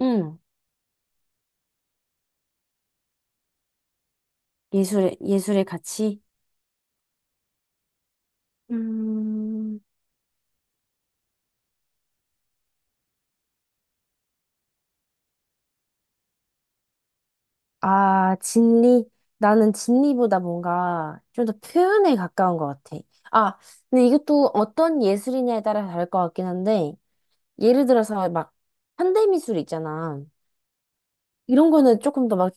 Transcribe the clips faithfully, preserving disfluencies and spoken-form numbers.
응. 예술의, 예술의 가치? 음, 아, 진리? 나는 진리보다 뭔가 좀 더 표현에 가까운 것 같아. 아, 근데 이것도 어떤 예술이냐에 따라 다를 것 같긴 한데, 예를 들어서 막 현대미술 있잖아. 이런 거는 조금 더 막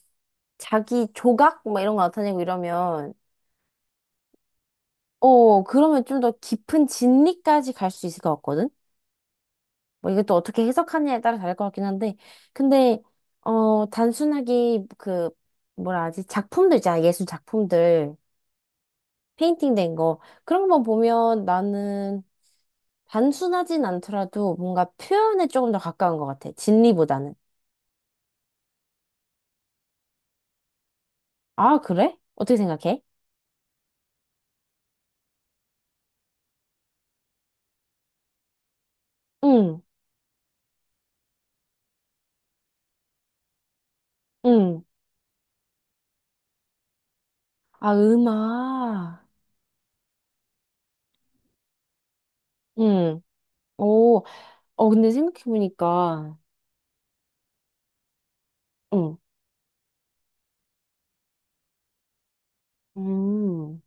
자기 조각? 막 이런 거 나타내고 이러면, 어, 그러면 좀 더 깊은 진리까지 갈 수 있을 것 같거든? 뭐 이게 또 어떻게 해석하느냐에 따라 다를 것 같긴 한데, 근데, 어, 단순하게 그, 뭐라 하지, 작품들 있잖아, 예술 작품들, 페인팅 된 거. 그런 것만 보면 나는 단순하진 않더라도 뭔가 표현에 조금 더 가까운 것 같아. 진리보다는. 아, 그래? 어떻게 생각해? 응, 응. 아, 음악. 응. 오, 어, 근데 생각해보니까, 응. 음.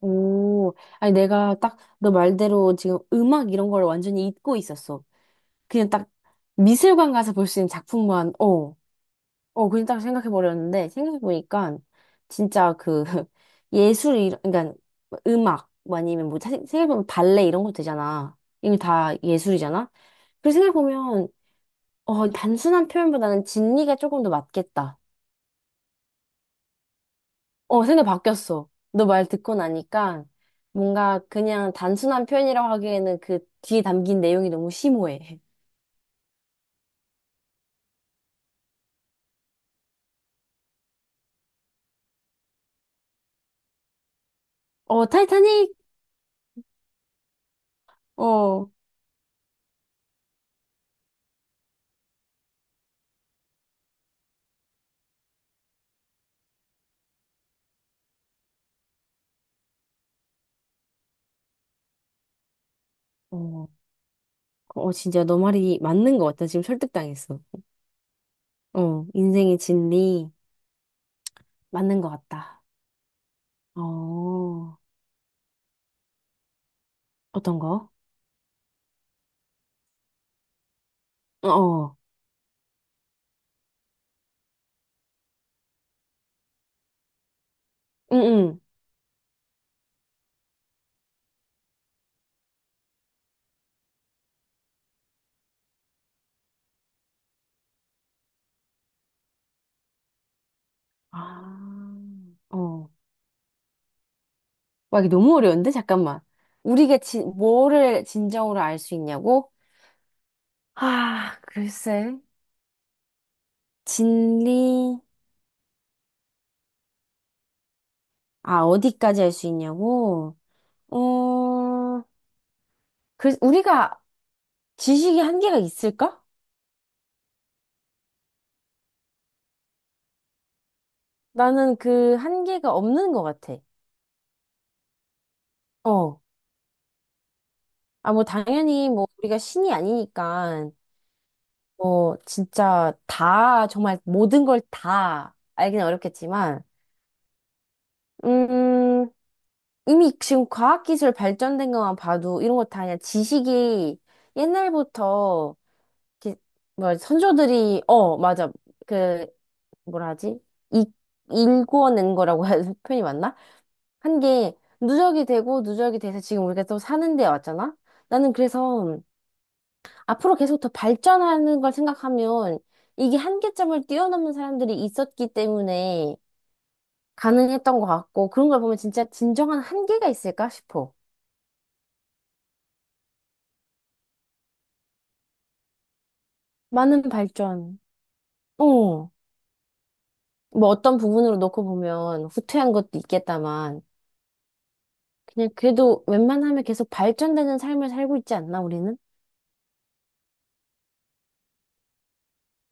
오, 아니 내가 딱 너 말대로 지금 음악 이런 걸 완전히 잊고 있었어. 그냥 딱 미술관 가서 볼 수 있는 작품만, 어, 어, 그냥 딱 생각해 버렸는데 생각해보니까 진짜 그 예술, 이- 그러니까 음악 뭐 아니면 뭐 사 생각해보면 발레 이런 것도 되잖아. 이게 다 예술이잖아. 그리고 생각해보면 어, 단순한 표현보다는 진리가 조금 더 맞겠다. 어, 생각 바뀌었어. 너 말 듣고 나니까 뭔가 그냥 단순한 표현이라고 하기에는 그 뒤에 담긴 내용이 너무 심오해. 어, 타이타닉! 어, 어, 어, 진짜 너 말이 맞는 것 같다. 지금 설득당했어. 어, 인생의 진리 맞는 것 같다. 어, 어떤 거? 어, 어, 응, 응. 아, 어. 와, 이게 너무 어려운데? 잠깐만. 우리가 진, 뭐를 진정으로 알 수 있냐고? 아, 글쎄. 진리. 아, 어디까지 할 수 있냐고? 어, 그, 우리가 지식이 한계가 있을까? 나는 그 한계가 없는 것 같아. 어. 아, 뭐, 당연히, 뭐, 우리가 신이 아니니까, 뭐, 진짜 다, 정말 모든 걸 다 알기는 어렵겠지만, 음, 이미 지금 과학기술 발전된 것만 봐도 이런 거 다 그냥 지식이 옛날부터, 이렇게 뭐, 선조들이, 어, 맞아. 그, 뭐라 하지? 이, 일궈낸 거라고 해야 표현이 맞나? 한 게 누적이 되고 누적이 돼서 지금 우리가 또 사는 데 왔잖아? 나는 그래서 앞으로 계속 더 발전하는 걸 생각하면 이게 한계점을 뛰어넘는 사람들이 있었기 때문에 가능했던 것 같고 그런 걸 보면 진짜 진정한 한계가 있을까 싶어. 많은 발전. 어. 뭐 어떤 부분으로 놓고 보면 후퇴한 것도 있겠다만 그냥 그래도 웬만하면 계속 발전되는 삶을 살고 있지 않나 우리는?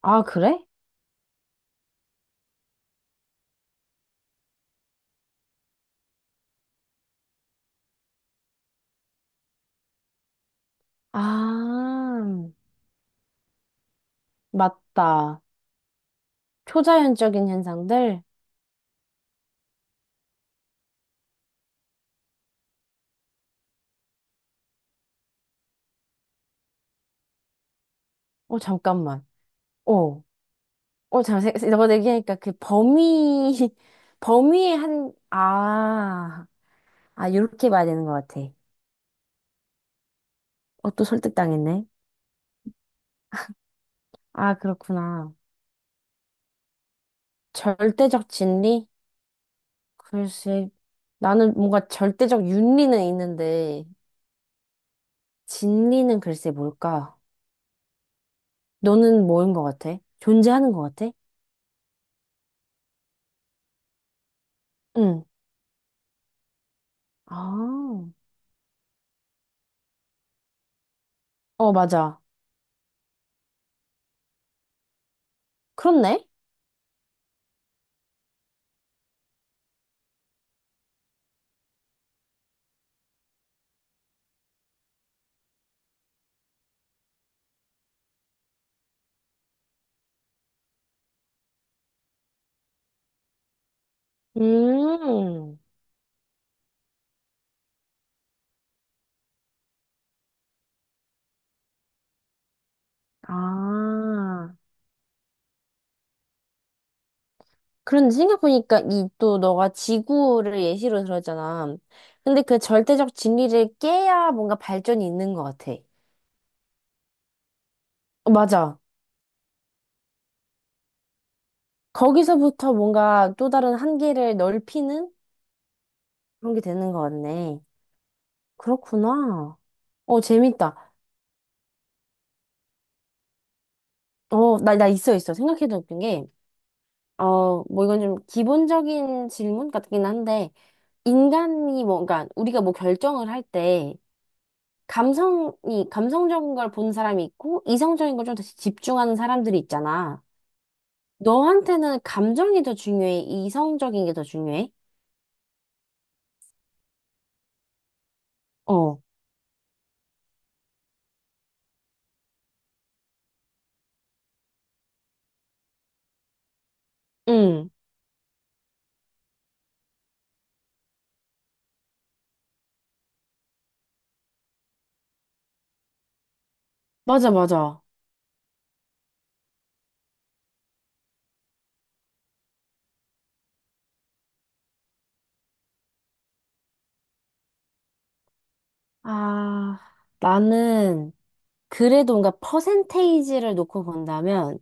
아, 그래? 아, 맞다. 초자연적인 현상들? 어, 잠깐만. 어, 어, 잠, 세- 너가 얘기하니까 그 범위, 범위의 한, 아, 아, 요렇게 봐야 되는 것 같아. 어, 또 설득당했네. 아, 그렇구나. 절대적 진리? 글쎄, 나는 뭔가 절대적 윤리는 있는데, 진리는 글쎄 뭘까? 너는 뭐인 것 같아? 존재하는 것 같아? 응. 아, 어, 맞아. 그렇네. 음. 아. 그런데 생각해보니까 이 또 너가 지구를 예시로 들었잖아. 근데 그 절대적 진리를 깨야 뭔가 발전이 있는 것 같아. 어, 맞아. 거기서부터 뭔가 또 다른 한계를 넓히는 그런 게 되는 것 같네. 그렇구나. 어, 재밌다. 어, 나, 나 있어, 있어. 생각해도 웃긴 게, 어, 뭐 이건 좀 기본적인 질문 같긴 한데, 인간이 뭔가, 우리가 뭐 결정을 할 때, 감성이, 감성적인 걸 보는 사람이 있고, 이성적인 걸 좀 더 집중하는 사람들이 있잖아. 너한테는 감정이 더 중요해? 이성적인 게 더 중요해? 어, 응, 맞아, 맞아. 아, 나는, 그래도 뭔가 퍼센테이지를 놓고 본다면,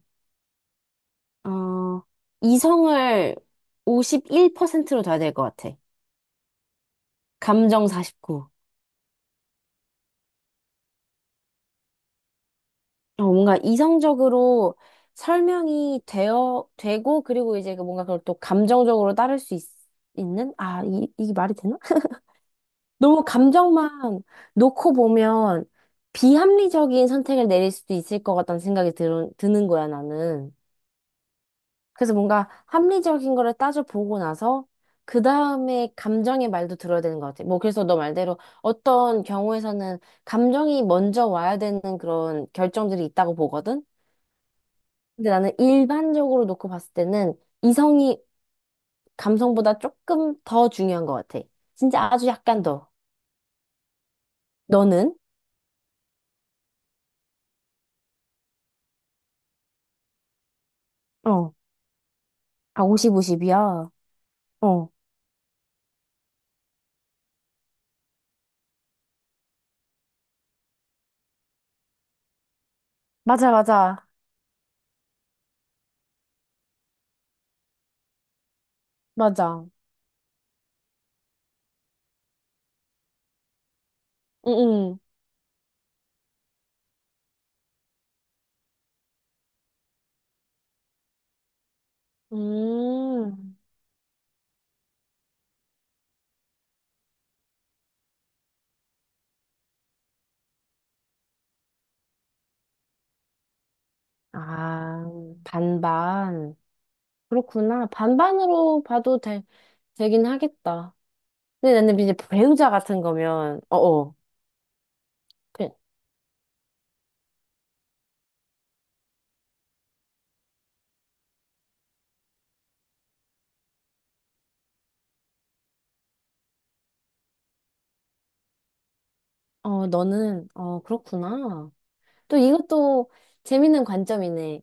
어, 이성을 오십일 퍼센트로 둬야 될 것 같아. 감정 사십구. 어, 뭔가 이성적으로 설명이 되어, 되고, 그리고 이제 그 뭔가 그걸 또 감정적으로 따를 수 있, 는 아, 이, 이게 말이 되나? 너무 감정만 놓고 보면 비합리적인 선택을 내릴 수도 있을 것 같다는 생각이 드, 드는 거야, 나는. 그래서 뭔가 합리적인 거를 따져보고 나서 그 다음에 감정의 말도 들어야 되는 것 같아. 뭐, 그래서 너 말대로 어떤 경우에서는 감정이 먼저 와야 되는 그런 결정들이 있다고 보거든? 근데 나는 일반적으로 놓고 봤을 때는 이성이 감성보다 조금 더 중요한 것 같아. 진짜 아주 약간 더. 너는? 어. 아, 오십, 오십이야. 어. 맞아, 맞아. 맞아. 응, 응. 음. 아, 반반. 그렇구나. 반반으로 봐도 되, 되긴 하겠다. 근데 나는 이제 배우자 같은 거면, 어어. 그, 어, 너는, 어, 그렇구나. 또 이것도 재밌는 관점이네.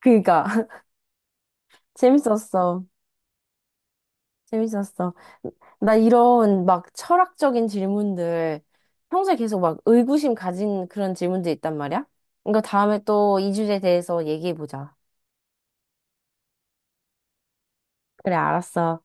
그니까. 재밌었어. 재밌었어. 나 이런 막 철학적인 질문들 평소에 계속 막 의구심 가진 그런 질문들 있단 말이야? 이거 다음에 또 이 주제에 대해서 얘기해보자. 그래, 알았어.